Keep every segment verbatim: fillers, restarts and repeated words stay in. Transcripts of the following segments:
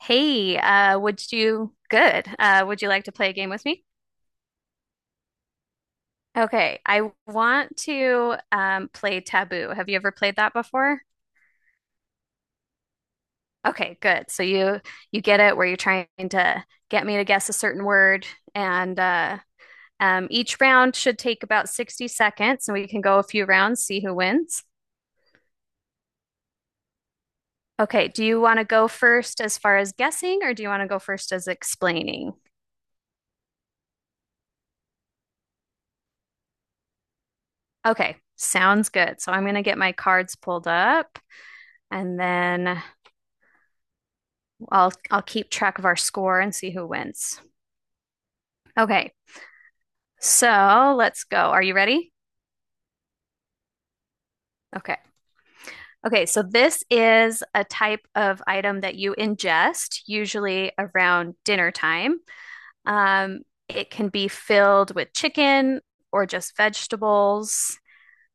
Hey, uh, would you good? Uh, would you like to play a game with me? Okay, I want to um, play Taboo. Have you ever played that before? Okay, good. So you you get it where you're trying to get me to guess a certain word, and uh, um, each round should take about sixty seconds, and we can go a few rounds, see who wins. Okay, do you want to go first as far as guessing, or do you want to go first as explaining? Okay, sounds good. So I'm going to get my cards pulled up, and then. I'll I'll keep track of our score and see who wins. Okay. So, let's go. Are you ready? Okay. Okay, so this is a type of item that you ingest, usually around dinner time. Um, it can be filled with chicken or just vegetables.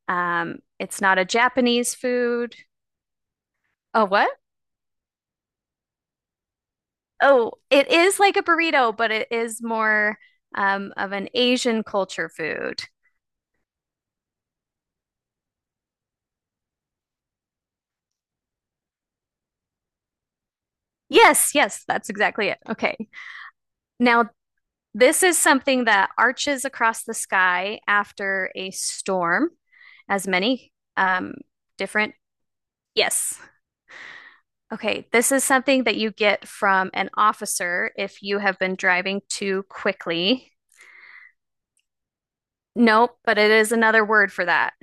Um, it's not a Japanese food. Oh, what? Oh, it is like a burrito, but it is more um, of an Asian culture food. Yes, yes, that's exactly it. Okay. Now, this is something that arches across the sky after a storm, as many um, different. Yes. Okay. This is something that you get from an officer if you have been driving too quickly. Nope, but it is another word for that.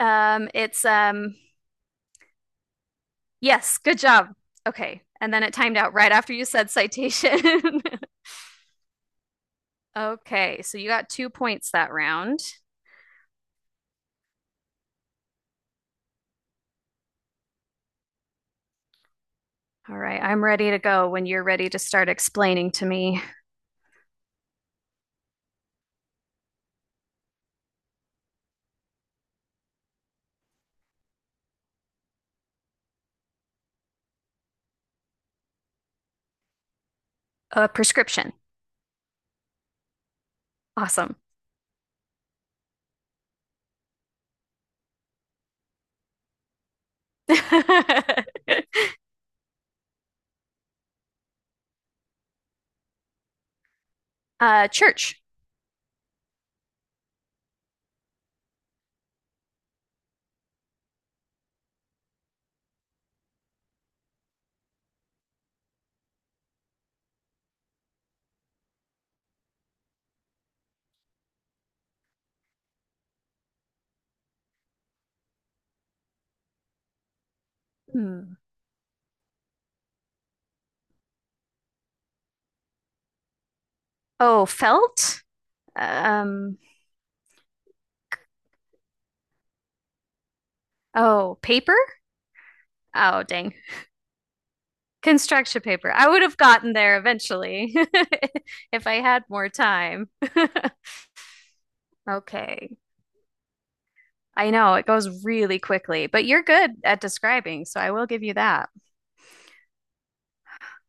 Um, it's um, Yes, good job. Okay. And then it timed out right after you said citation. Okay, so you got two points that round. All right, I'm ready to go when you're ready to start explaining to me. A prescription. Awesome. Uh, church. Hmm. Oh, felt. Um, oh, paper. Oh, dang. Construction paper. I would have gotten there eventually if I had more time. Okay. I know it goes really quickly, but you're good at describing, so I will give you that.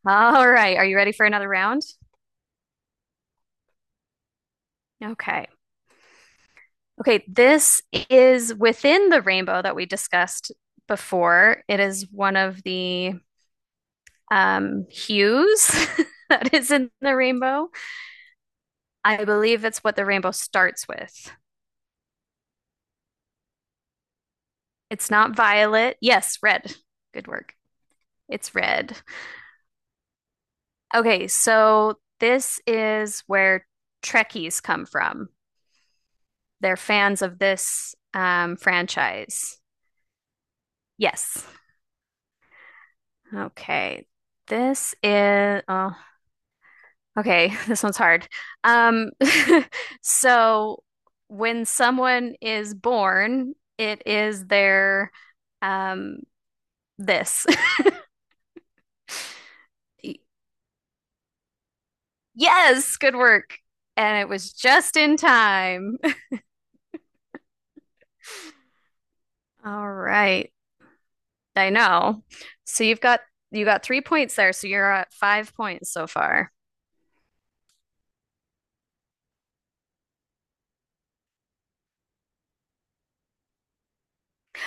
All right. Are you ready for another round? Okay. Okay. This is within the rainbow that we discussed before. It is one of the um, hues that is in the rainbow. I believe it's what the rainbow starts with. It's not violet. Yes, red. Good work. It's red. Okay. So this is where Trekkies come from. They're fans of this um, franchise. Yes. Okay. This is oh, okay, this one's hard. Um so when someone is born, it is their um this. Yes, good work. And it was just in time. All right. I know. So you've got you got three points there, so you're at five points so far.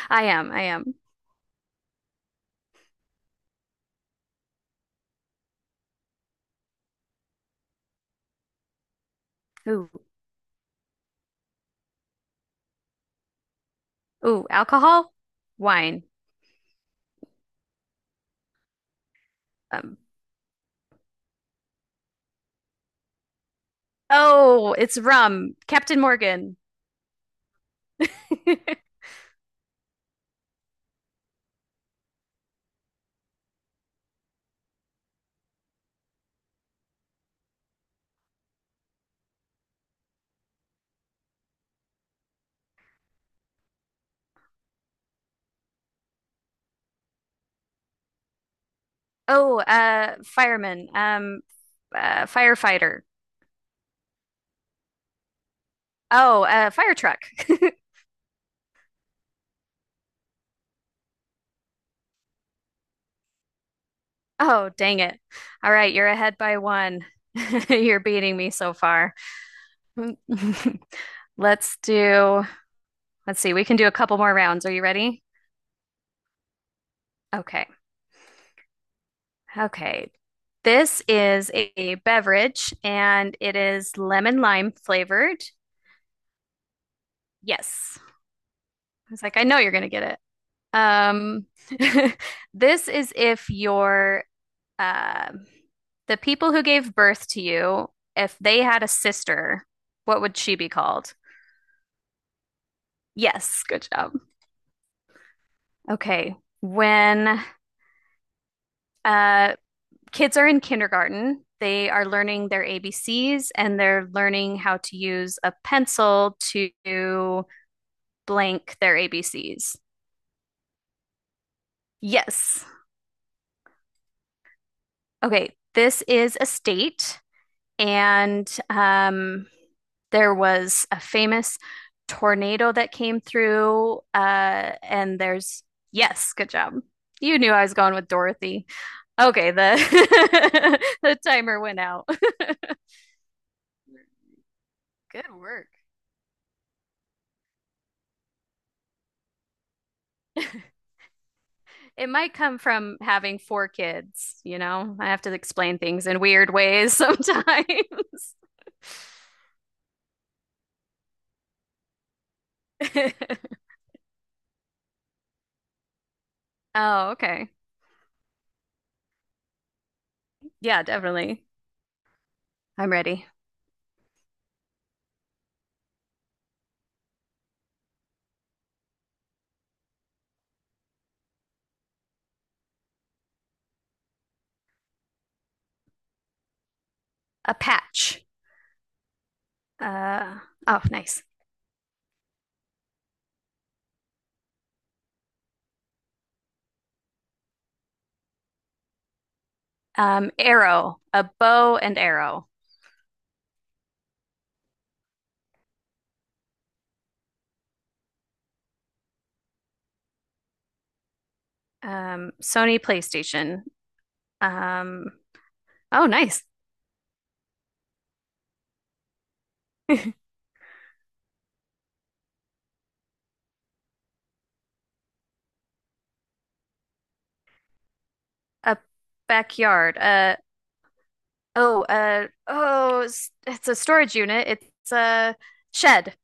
I am, I am. Ooh, ooh, alcohol, wine. Um, Oh, it's rum. Captain Morgan. Oh, uh, fireman. Um, uh, firefighter. Oh, uh, fire truck. Oh, dang it. All right, you're ahead by one. You're beating me so far. Let's do, let's see, we can do a couple more rounds. Are you ready? Okay. Okay. This is a beverage and it is lemon lime flavored. Yes. I was like, I know you're going to get it. Um, this is if your uh, the people who gave birth to you, if they had a sister, what would she be called? Yes, good job. Okay. When uh, kids are in kindergarten, they are learning their A B Cs and they're learning how to use a pencil to blank their A B Cs. Yes. Okay. This is a state. And um, there was a famous tornado that came through. Uh, and there's, yes, good job. You knew I was going with Dorothy. Okay, the the timer went out. Good work. It might come from having four kids, you know? I have to explain things in weird ways sometimes. Oh, okay. Yeah, definitely. I'm ready. A patch. Uh, oh, nice. Um, arrow, a bow and arrow. Um, Sony PlayStation. Um, oh, nice. A backyard. Uh, oh, uh, oh, it's, it's a storage unit. It's a shed.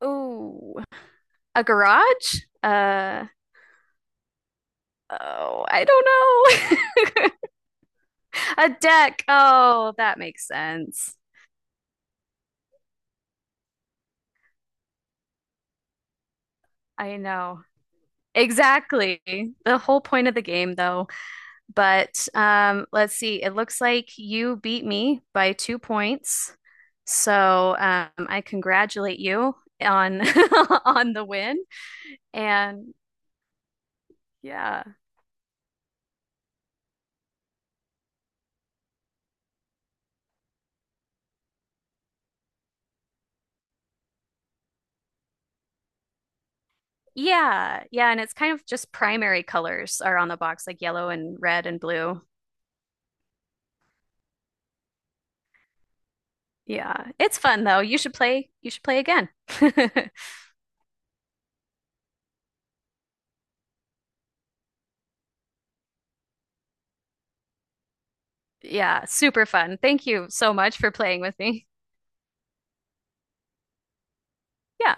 Oh, a garage. Uh, oh, I don't know. A deck. Oh, that makes sense. I know. Exactly. The whole point of the game, though. But um, let's see. It looks like you beat me by two points. So um, I congratulate you on on the win. And yeah. Yeah. Yeah, and it's kind of just primary colors are on the box like yellow and red and blue. Yeah. It's fun though. You should play you should play again. Yeah, super fun. Thank you so much for playing with me. Yeah.